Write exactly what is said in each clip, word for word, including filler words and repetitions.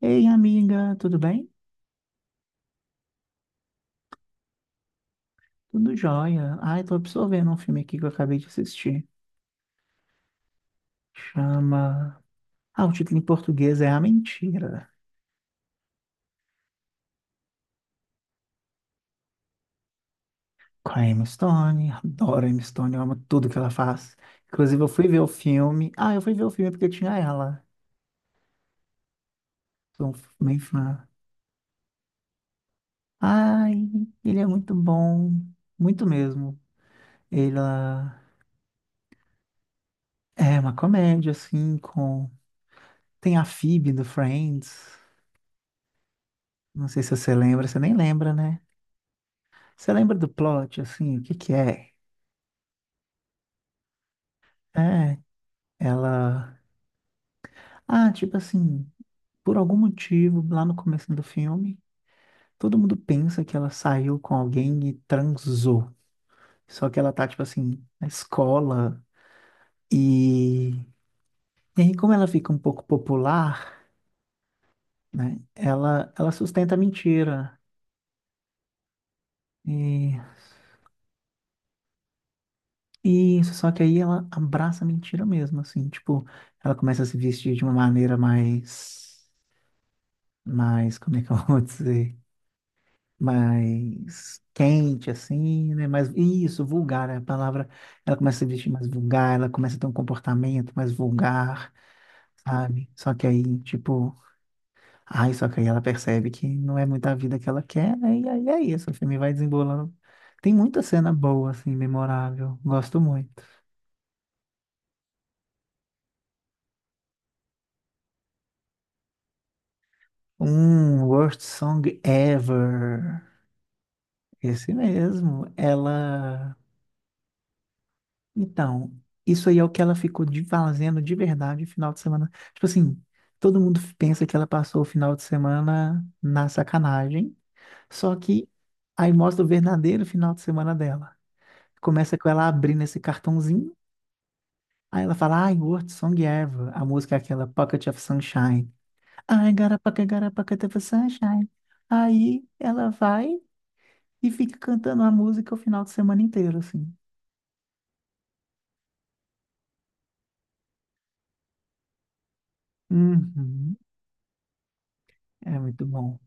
Ei, amiga, tudo bem? Tudo jóia. Ai, tô absorvendo um filme aqui que eu acabei de assistir. Chama. Ah, o título em português é A Mentira. Com a Emma Stone. Adoro a Emma Stone, eu amo tudo que ela faz. Inclusive, eu fui ver o filme. Ah, eu fui ver o filme porque tinha ela. Sou bem fã. Ai, ele é muito bom. Muito mesmo. Ela é uma comédia, assim, com. Tem a Phoebe do Friends. Não sei se você lembra, você nem lembra, né? Você lembra do plot, assim, o que que é? É, ela... Ah, tipo assim, por algum motivo, lá no começo do filme, todo mundo pensa que ela saiu com alguém e transou. Só que ela tá, tipo assim, na escola e... E aí, como ela fica um pouco popular, né? Ela, ela sustenta a mentira. E isso, só que aí ela abraça a mentira mesmo, assim, tipo, ela começa a se vestir de uma maneira mais, mais, como é que eu vou dizer? Mais quente, assim, né? Mais, isso, vulgar, né? A palavra, ela começa a se vestir mais vulgar, ela começa a ter um comportamento mais vulgar, sabe? Só que aí, tipo, ai, só que aí ela percebe que não é muita vida que ela quer, né? E aí é isso, o filme vai desembolando. Tem muita cena boa, assim, memorável. Gosto muito. Um Worst Song Ever. Esse mesmo. Ela. Então, isso aí é o que ela ficou de fazendo de verdade o final de semana. Tipo assim, todo mundo pensa que ela passou o final de semana na sacanagem, só que aí mostra o verdadeiro final de semana dela. Começa com ela abrindo esse cartãozinho, aí ela fala, I worked song ever. A música é aquela Pocket of Sunshine. I got a pocket, got a pocket of sunshine. Aí ela vai e fica cantando a música o final de semana inteiro, assim. Uhum, é muito bom.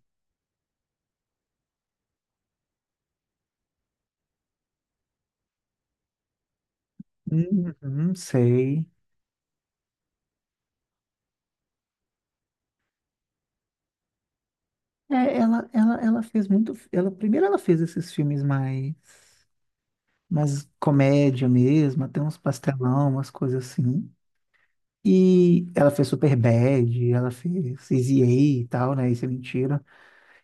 Uhum, sei. É, ela, ela, ela fez muito. Ela, primeiro ela fez esses filmes mais, mais comédia mesmo, até uns pastelão, umas coisas assim. E ela fez Superbad, ela fez Easy A e tal, né? Isso é mentira.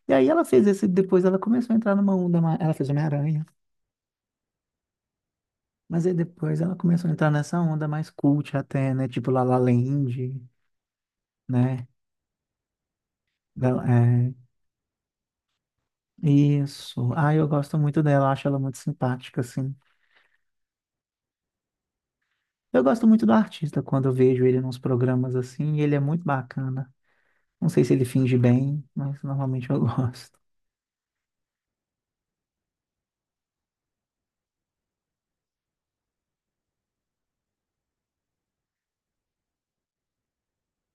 E aí ela fez esse, depois ela começou a entrar numa onda mais. Ela fez Homem-Aranha. Mas aí depois ela começou a entrar nessa onda mais cult até, né? Tipo La La Land, né? Ela- É, isso. Ah, eu gosto muito dela, acho ela muito simpática, assim. Eu gosto muito do artista quando eu vejo ele nos programas assim, e ele é muito bacana. Não sei se ele finge bem, mas normalmente eu gosto.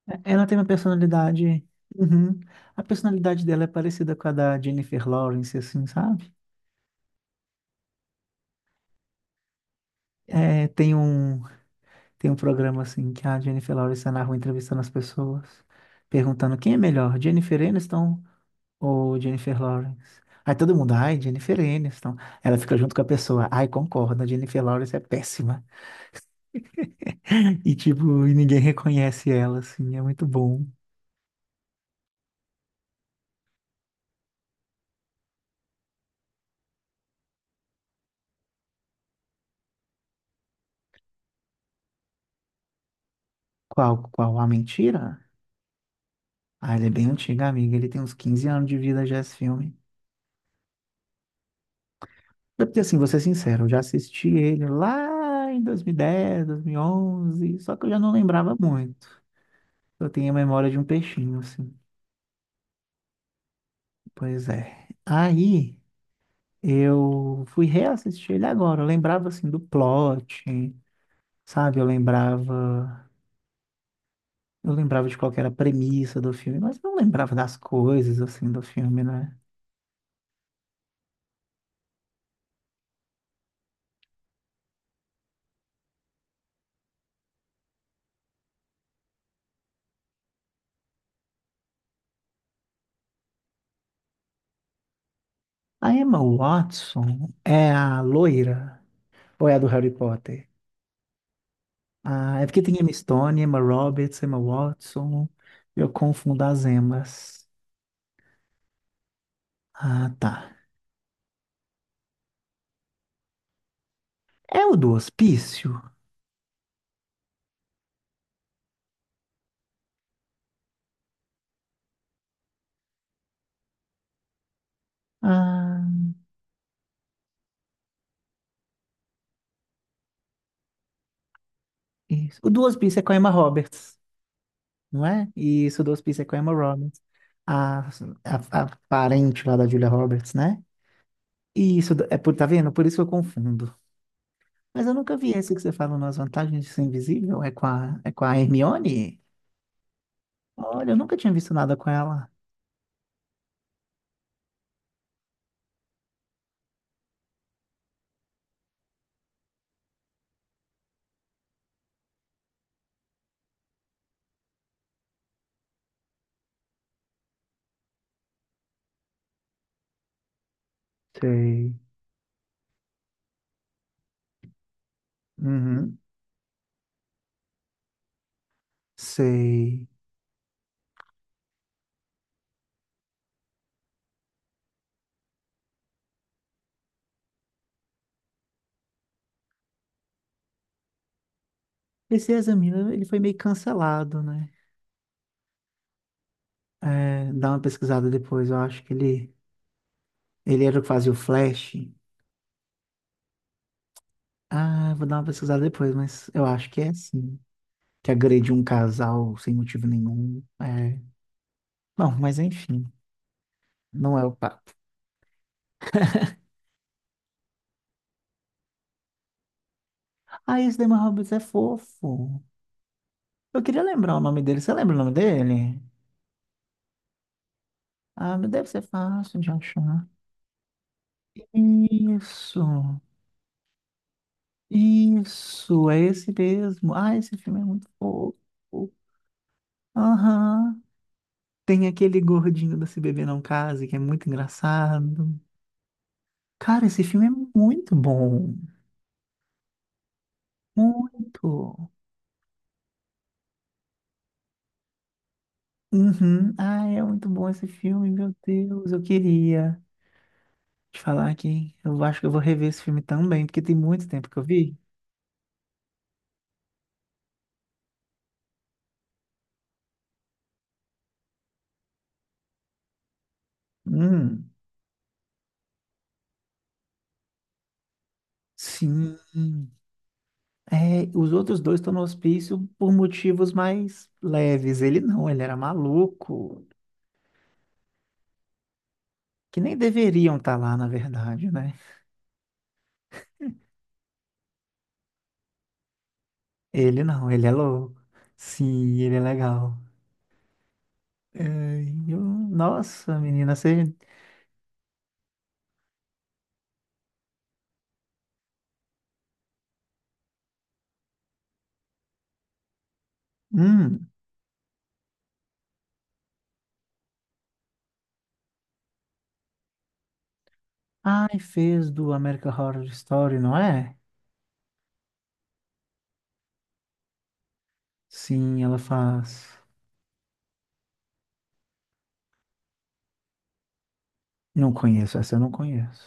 É- Ela tem uma personalidade. Uhum. A personalidade dela é parecida com a da Jennifer Lawrence, assim, sabe? É, tem um, tem um programa assim que a Jennifer Lawrence tá na rua entrevistando as pessoas, perguntando quem é melhor, Jennifer Aniston ou Jennifer Lawrence? Aí todo mundo, ai, Jennifer Aniston. Ela fica junto com a pessoa, ai, concorda, Jennifer Lawrence é péssima. E tipo, e ninguém reconhece ela, assim, é muito bom. Qual, qual a mentira? Ah, ele é bem antigo, amiga. Ele tem uns quinze anos de vida já esse filme. É. Porque assim, vou ser sincero, eu já assisti ele lá em dois mil e dez, dois mil e onze, só que eu já não lembrava muito. Eu tenho a memória de um peixinho, assim. Pois é. Aí eu fui reassistir ele agora. Eu lembrava assim do plot, sabe? Eu lembrava Eu lembrava de qual que era a premissa do filme, mas não lembrava das coisas, assim, do filme, né? A Emma Watson é a loira ou é a do Harry Potter? Ah, é porque tem Emma Stone, Emma Roberts, Emma Watson. Eu confundo as Emmas. Ah, tá. É o do Hospício? Ah, isso. O do Hospício é com a Emma Roberts, não é? Isso, o do Hospício é com a Emma Roberts. A, a, a parente lá da Julia Roberts, né? Isso, é por, tá vendo? Por isso eu confundo. Mas eu nunca vi esse que você falou nas vantagens de ser invisível. É com a, é com a Hermione? Olha, eu nunca tinha visto nada com ela. Sei. Uhum, sei. Esse Examina, ele foi meio cancelado, né? É, dá uma pesquisada depois, eu acho que ele... Ele era o que fazia o Flash. Ah, vou dar uma pesquisada depois, mas eu acho que é assim. Que agrediu um casal sem motivo nenhum. É. Bom, mas enfim, não é o papo. Ah, esse Damon Roberts é fofo. Eu queria lembrar o nome dele. Você lembra o nome dele? Ah, mas deve ser fácil de achar. Isso, isso, é esse mesmo. Ah, esse filme é muito fofo. Aham. Tem aquele gordinho da Se Beber Não Case, que é muito engraçado. Cara, esse filme é muito bom. Muito. Uhum. Ah, é muito bom esse filme, meu Deus. Eu queria te falar que eu acho que eu vou rever esse filme também, porque tem muito tempo que eu vi. Hum, sim. É, os outros dois estão no hospício por motivos mais leves. Ele não, ele era maluco, que nem deveriam estar lá, na verdade, né? Ele não, ele é louco. Sim, ele é legal. É, e eu- nossa, menina, você. Hum. Ai, fez do American Horror Story, não é? Sim, ela faz. Não conheço, essa eu não conheço.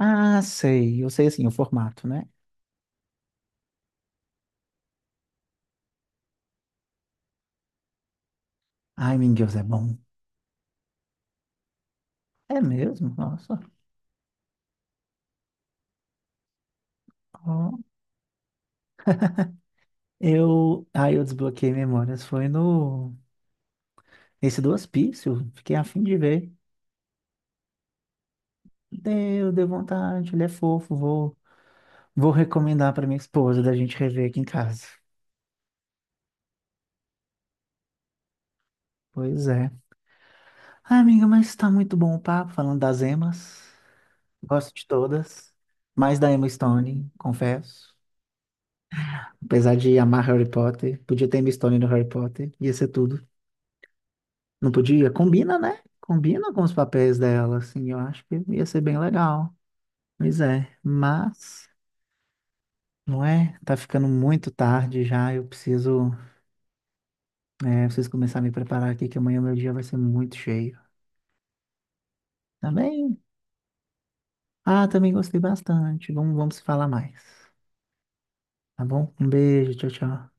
Ah, sei, eu sei assim, o formato, né? Ai, meu Deus, é bom. É mesmo? Nossa. Eu, aí eu desbloqueei memórias, foi no nesse do hospício, fiquei a fim de ver. Deu, deu vontade, ele é fofo, vou, vou recomendar para minha esposa da gente rever aqui em casa. Pois é. Ah, amiga, mas tá muito bom o papo falando das emas. Gosto de todas, mais da Emma Stone, confesso. Apesar de amar Harry Potter, podia ter Emma Stone no Harry Potter, ia ser tudo. Não podia? Combina, né? Combina com os papéis dela, assim, eu acho que ia ser bem legal. Pois é, mas não é? Tá ficando muito tarde já. Eu preciso, é, preciso começar a me preparar aqui, que amanhã meu dia vai ser muito cheio. Tá bem? Ah, também gostei bastante. Vamos, vamos se falar mais. Tá bom? Um beijo, tchau, tchau.